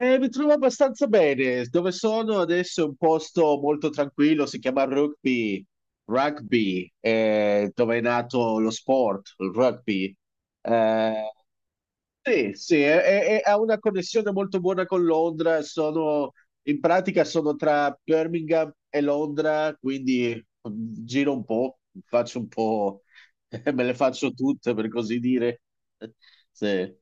Mi trovo abbastanza bene. Dove sono adesso è un posto molto tranquillo, si chiama Rugby, Rugby, dove è nato lo sport, il rugby. Eh, sì, sì, ha una connessione molto buona con Londra. In pratica sono tra Birmingham e Londra, quindi giro un po', faccio un po', me le faccio tutte per così dire. Sì.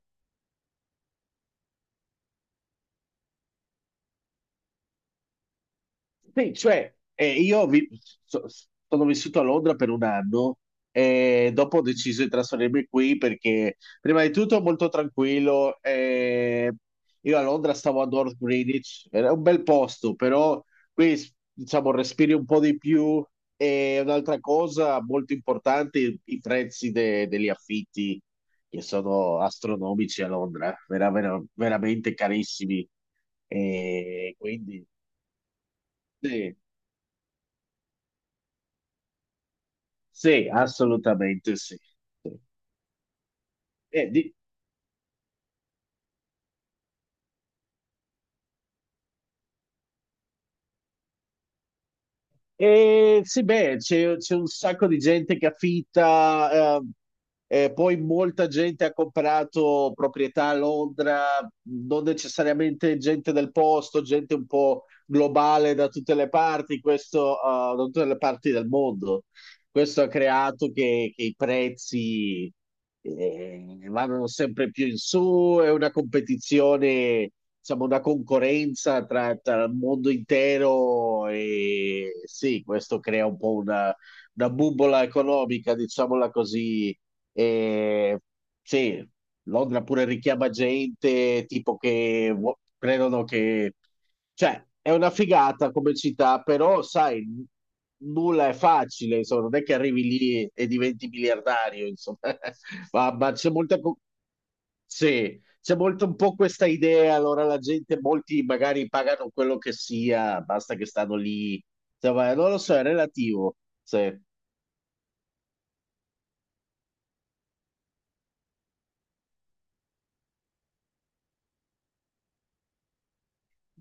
Sì, cioè, io so- sono vissuto a Londra per un anno e dopo ho deciso di trasferirmi qui perché prima di tutto è molto tranquillo. Io a Londra stavo a North Greenwich, era un bel posto, però qui diciamo respiri un po' di più e un'altra cosa molto importante, i prezzi degli affitti che sono astronomici a Londra, veramente carissimi. E quindi. Sì. Sì, assolutamente sì. Sì. E, di- e sì, beh, c'è un sacco di gente che affitta, e poi molta gente ha comprato proprietà a Londra, non necessariamente gente del posto, gente un po' globale da tutte le parti, questo, da tutte le parti del mondo. Questo ha creato che, i prezzi vanno sempre più in su, è una competizione, diciamo, una concorrenza tra, il mondo intero, e sì, questo crea un po' una, bubola economica, diciamola così, e sì, Londra pure richiama gente, tipo che credono che. Cioè, è una figata come città, però sai, nulla è facile, insomma, non è che arrivi lì e diventi miliardario, insomma. Ma c'è molta. Sì, c'è molto un po' questa idea, allora la gente, molti magari pagano quello che sia, basta che stanno lì. Insomma, non lo so, è relativo. Sì.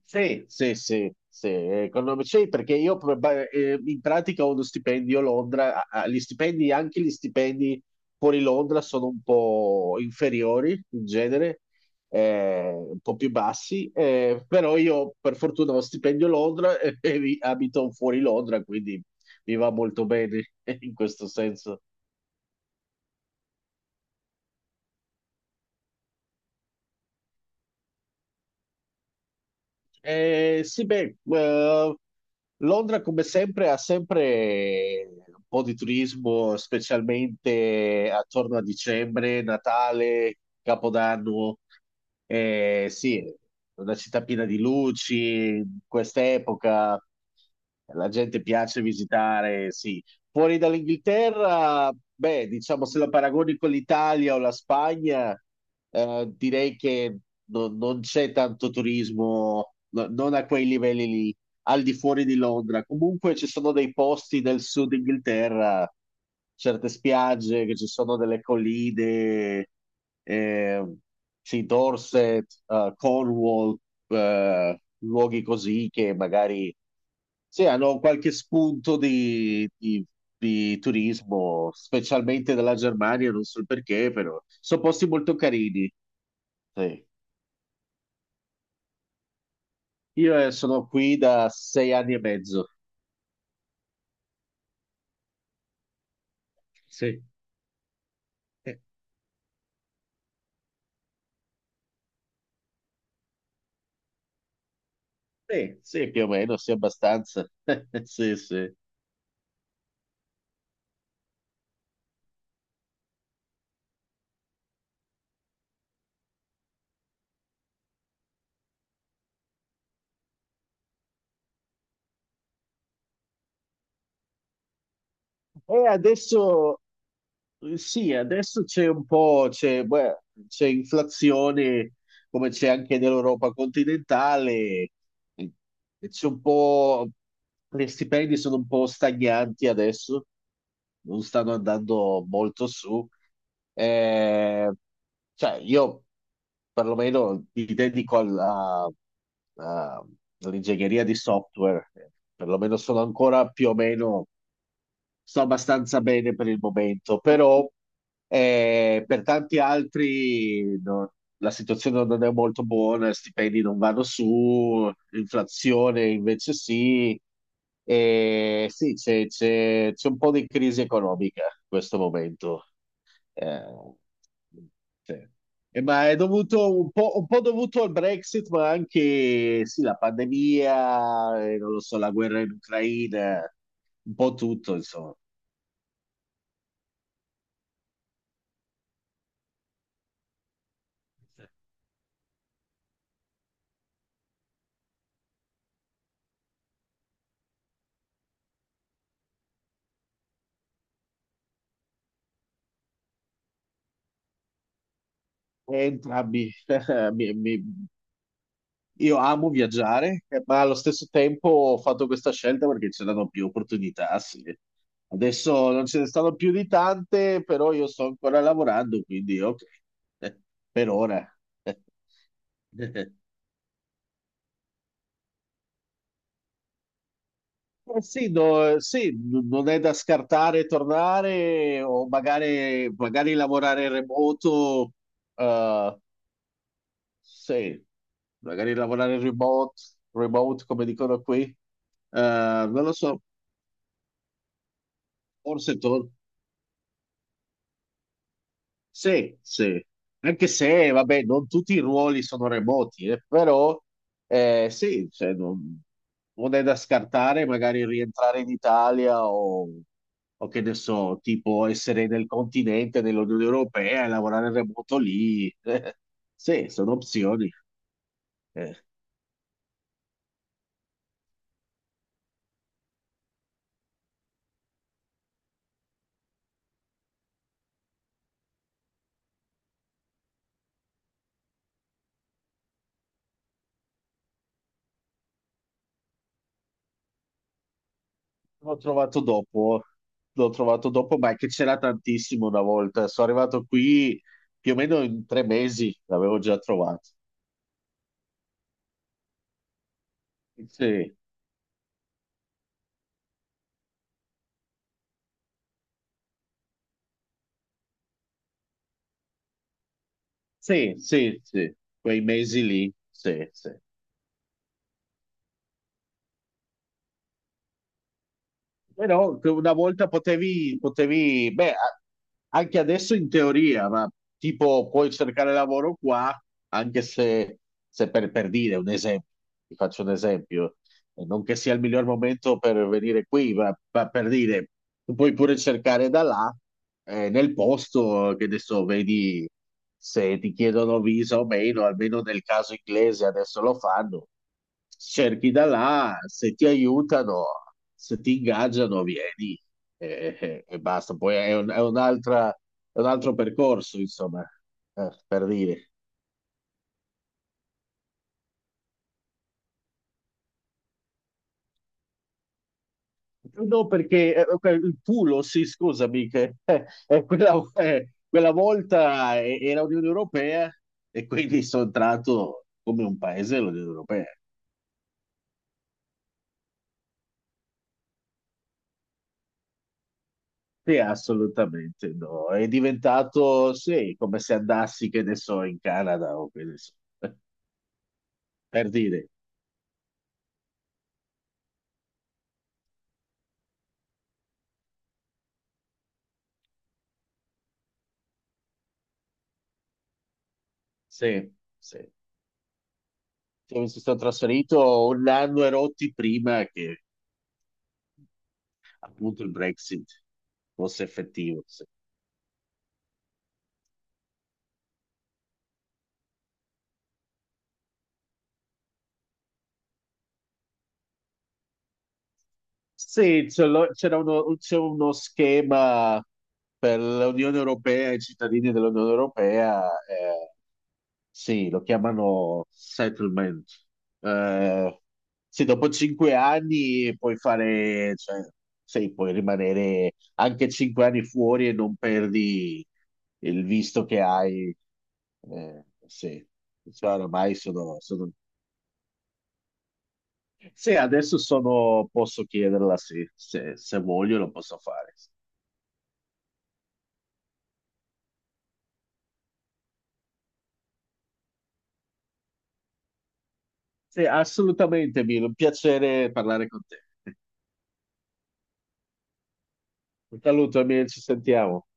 Sì, sì, sì, sì, sì, perché io in pratica ho uno stipendio a Londra, gli stipendi, anche gli stipendi fuori Londra sono un po' inferiori in genere, un po' più bassi, però io per fortuna ho stipendio a Londra e abito fuori Londra, quindi mi va molto bene in questo senso. Sì, beh, Londra come sempre ha sempre un po' di turismo, specialmente attorno a dicembre, Natale, Capodanno. Sì, è una città piena di luci, in quest'epoca la gente piace visitare, sì, fuori dall'Inghilterra, beh, diciamo se lo paragoni con l'Italia o la Spagna, direi che non c'è tanto turismo, non a quei livelli lì, al di fuori di Londra. Comunque ci sono dei posti del sud Inghilterra, certe spiagge, che ci sono delle colline, eh, sì, Dorset, Cornwall, luoghi così che magari sì, hanno qualche spunto di, di turismo, specialmente dalla Germania, non so il perché, però sono posti molto carini. Sì. Io sono qui da 6 anni e mezzo. Sì. Eh, sì, sì, più o meno, sì, abbastanza. Sì, sì. E adesso sì, adesso c'è un po', c'è beh, c'è inflazione come c'è anche nell'Europa continentale, e c'è un po', gli stipendi sono un po' stagnanti adesso, non stanno andando molto su. Eh, cioè, io perlomeno mi dedico alla, a- all'ingegneria di software, perlomeno sono ancora più o meno sto abbastanza bene per il momento, però per tanti altri no, la situazione non è molto buona, stipendi non vanno su, l'inflazione invece sì, e sì, c'è un po' di crisi economica in questo momento. Eh, sì. Ma è dovuto un po', dovuto al Brexit, ma anche sì, la pandemia, non lo so, la guerra in Ucraina, un po' tutto, insomma. E, ah, mi- mi- mi- io amo viaggiare, ma allo stesso tempo ho fatto questa scelta perché c'erano più opportunità, sì. Adesso non ce ne stanno più di tante, però io sto ancora lavorando, quindi ok. Eh, per ora. Eh sì, no, sì, non è da scartare tornare o magari, magari lavorare remoto, eh, sì, magari lavorare in remote, remote come dicono qui. Non lo so, forse to- sì, sì, anche se, vabbè, non tutti i ruoli sono remoti, però sì, cioè, non è da scartare magari rientrare in Italia, o che ne so, tipo essere nel continente, nell'Unione Europea e lavorare remoto lì, sì, sono opzioni. Eh. L'ho trovato dopo, l'ho trovato dopo, ma è che c'era tantissimo una volta. Sono arrivato qui più o meno in 3 mesi, l'avevo già trovato. Sì, sì, sì, sì, quei mesi lì, sì, sì. Però che una volta potevi, beh, anche adesso in teoria, ma tipo puoi cercare lavoro qua, anche se per dire un esempio, ti faccio un esempio. E non che sia il miglior momento per venire qui, ma per dire, tu puoi pure cercare da là, nel posto che adesso vedi se ti chiedono visa o meno, almeno nel caso inglese adesso lo fanno, cerchi da là, se ti aiutano, se ti ingaggiano, vieni e basta. Poi è è un altro percorso, insomma, per dire. No, perché ok, il pulo, sì, scusami, che quella volta era Unione Europea e quindi sono entrato come un paese dell'Unione Europea. Sì, assolutamente no. È diventato, sì, come se andassi, che ne so, in Canada o che ne so, per dire. Sì, sì. Cioè, mi sono trasferito un anno e rotti prima che appunto il Brexit fosse effettivo. Sì. Sì, ce l'ho- c'era uno, c'è uno schema per l'Unione Europea e i cittadini dell'Unione Europea, sì, lo chiamano settlement. Eh, sì, dopo 5 anni puoi fare, cioè, sì, puoi rimanere anche 5 anni fuori e non perdi il visto che hai. Sì, cioè, ormai sono sì, adesso sono, posso chiederla, sì, se voglio lo posso fare. Sì, assolutamente, Milo, un piacere parlare con te. Un saluto, amici, ci sentiamo.